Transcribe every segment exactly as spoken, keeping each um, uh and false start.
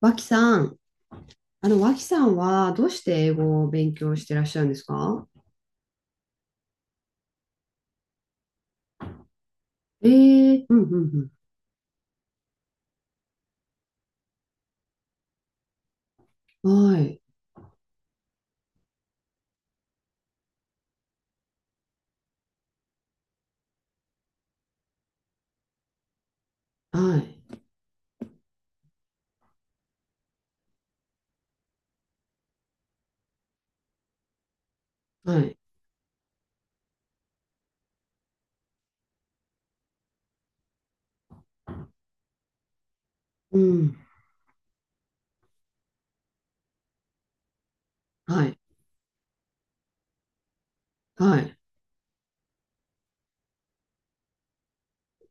脇さん、あの、脇さんはどうして英語を勉強してらっしゃるんですか？ええー、うんうんうん。はい、はい、はい、うん、はい、はい。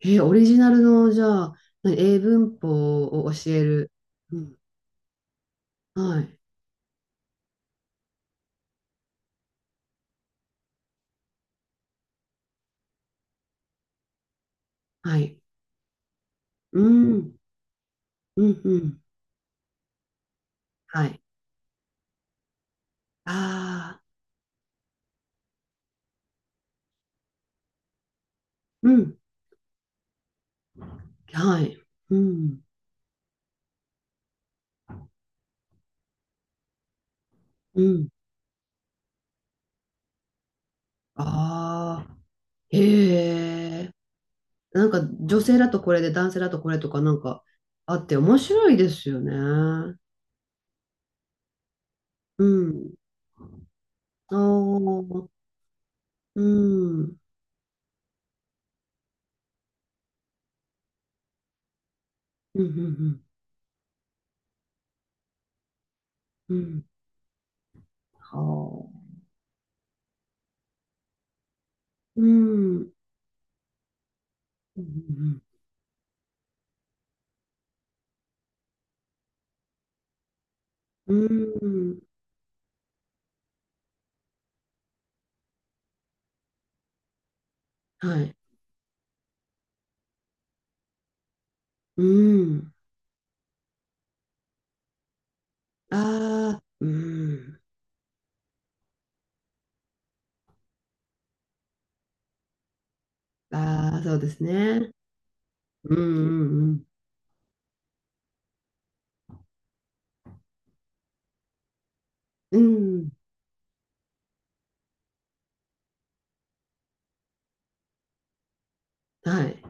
えー、オリジナルの、じゃあ、何英文法を教える。うん、はい、はい、うん、うん、うん、はい。ああ、うん、はい、うん、うん。ああ、へえ。なんか女性だとこれで男性だとこれとかなんかあって面白いですよね。うん。ああ、うん。うん、うん、うん。うん、はあ。うん。うん。うん。はい。うん。ああ、うん。ああ、そうですね。うん。うん。うん。うん、はい。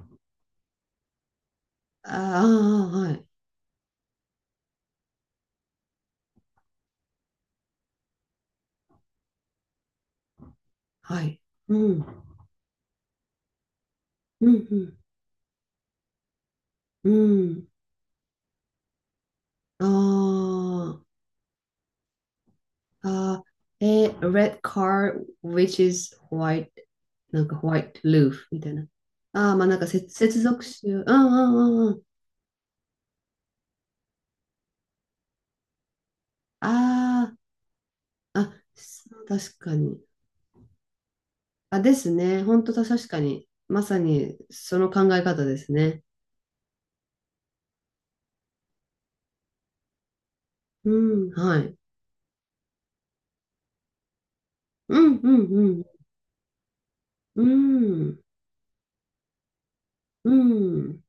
ああ、はい。はい。うん。うん。うん。うん。ああー、えー red car, which is white, なんか white roof みたいな。ああ、まあなんか接、接続詞。うんうんうんうん。ああ、あ、そう確かに。あ、ですね。本当だ、確かに。まさにその考え方ですね。うん、はい。うんうんうん。うんうん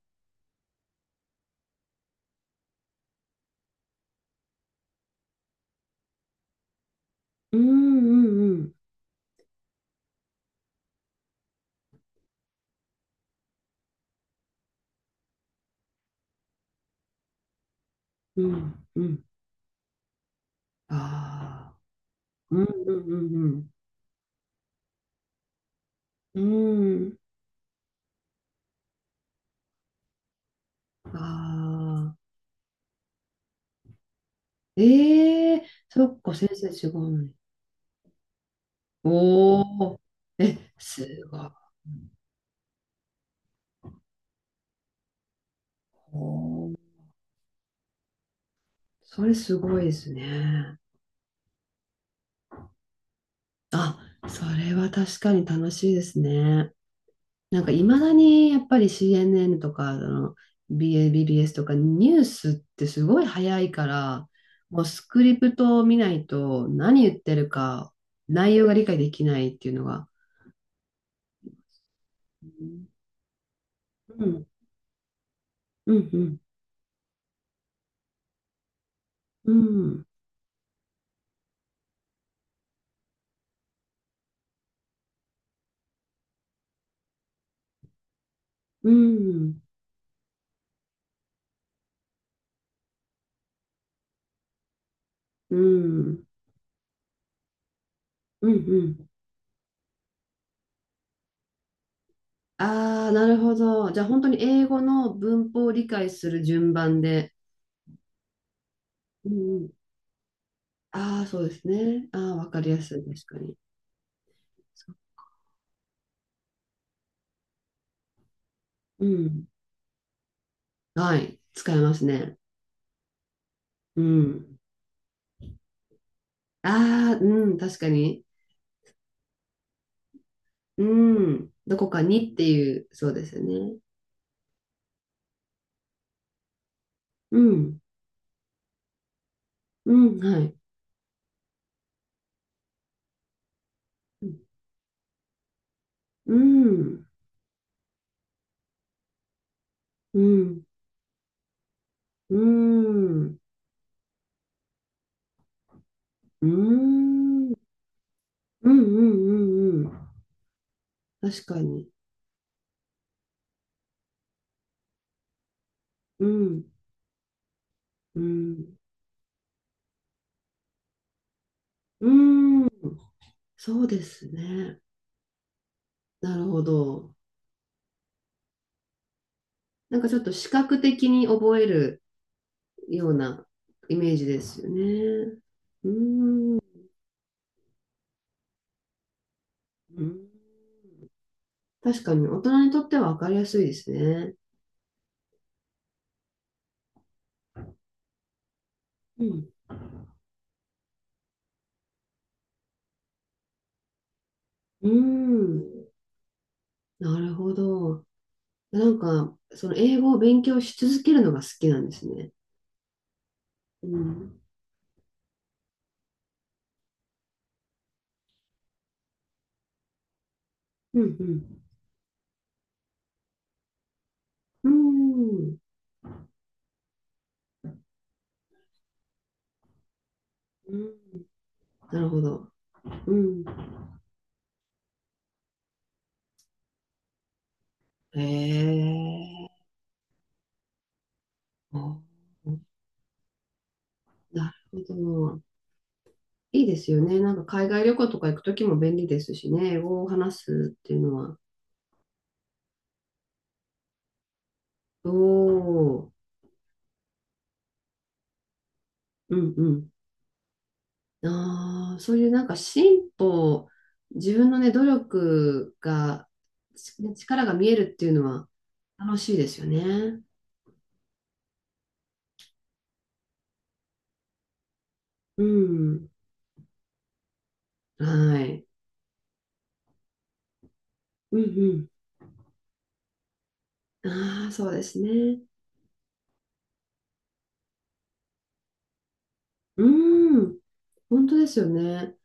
うんうんうんうんうん。ああ、うんうんうんうん。うん。ああ。ええ、そっか、先生違うのに。おお、え、すごい。それすごいですね。あ、それは確かに楽しいですね。なんかいまだにやっぱり シーエヌエヌ とかあの ビーエー ビービーエス とかニュースってすごい早いから、もうスクリプトを見ないと何言ってるか内容が理解できないっていうのが。うん、うん、うん、うん、うん、うん。うんうん。ああ、なるほど。じゃあ本当に英語の文法を理解する順番で。うんうん。ああ、そうですね。ああ、わかりやすい。確かに。そう、うん。はい。使えますね。うん。ああ、うん。確かに。うん。どこかにっていう、そうですよね。うん。うん。はい。うん。うん。うん。うん。うん。うん。うん。うん、確かに。うん。うん。うん。そうですね。なるほど。なんかちょっと視覚的に覚えるようなイメージですよね。うーん。うん、確かに大人にとっては分かりやすいですね。うん。うーん。なるほど。なんか、その英語を勉強し続けるのが好きなんですね。うん。うん、うん。うん。うん、なるほど。うん。へえ。あ、なるほど。いいですよね。なんか海外旅行とか行くときも便利ですしね。英語を話すっていうのは。おー、うんうん。ああ、そういうなんか進歩、自分のね、努力が、ちね力が見えるっていうのは楽しいですよね。うん。はい。うんうん。ああ、そうですね。うん。本当ですよね。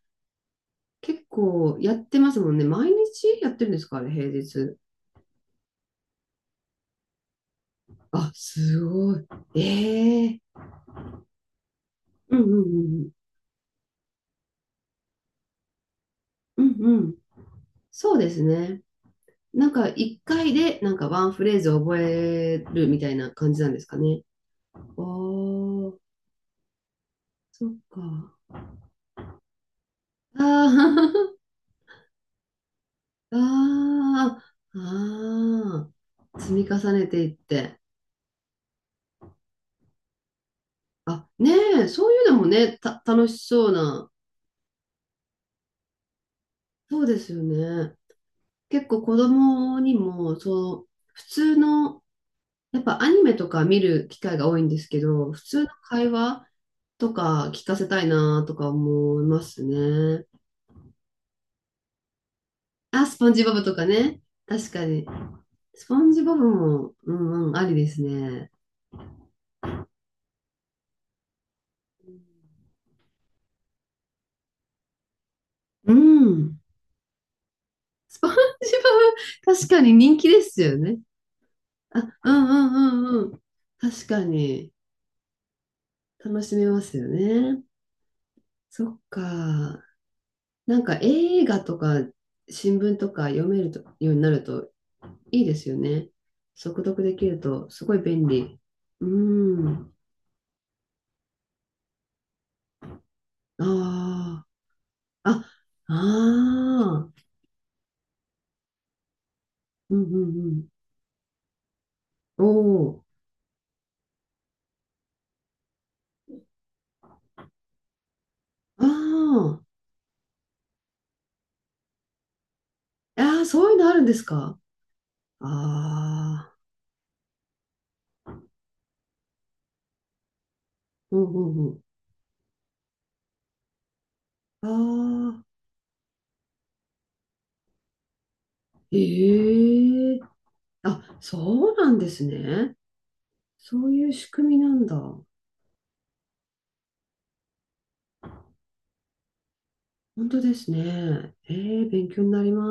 結構やってますもんね。毎日やってるんですかあれ、平日。あ、すごい。ええ、うんうんうんうん。うんうん。そうですね。なんか一回でなんかワンフレーズ覚えるみたいな感じなんですかね。おー、そっか。あー あー、あー、積み重ねていって。あ、ねえ、そういうのもね、た、楽しそうな。そうですよね。結構子供にも、そう、普通の、やっぱアニメとか見る機会が多いんですけど、普通の会話、とか聞かせたいなとか思いますね。あ、スポンジボブとかね。確かに。スポンジボブも、うんうん、ありですね。うん。スポンジボブ、確かに人気ですよね。あ、うんうんうんうん。確かに、楽しめますよね。そっか。なんか映画とか新聞とか読めるとようになるといいですよね。速読できるとすごい便利。うん。ああ。あ、ああ、うんうんうん。おお、ああ、ああ、そういうのあるんですか？ああ、うんうんうん。ああ、ええ、あ、そうなんですね。そういう仕組みなんだ。本当ですね。ええ、勉強になります。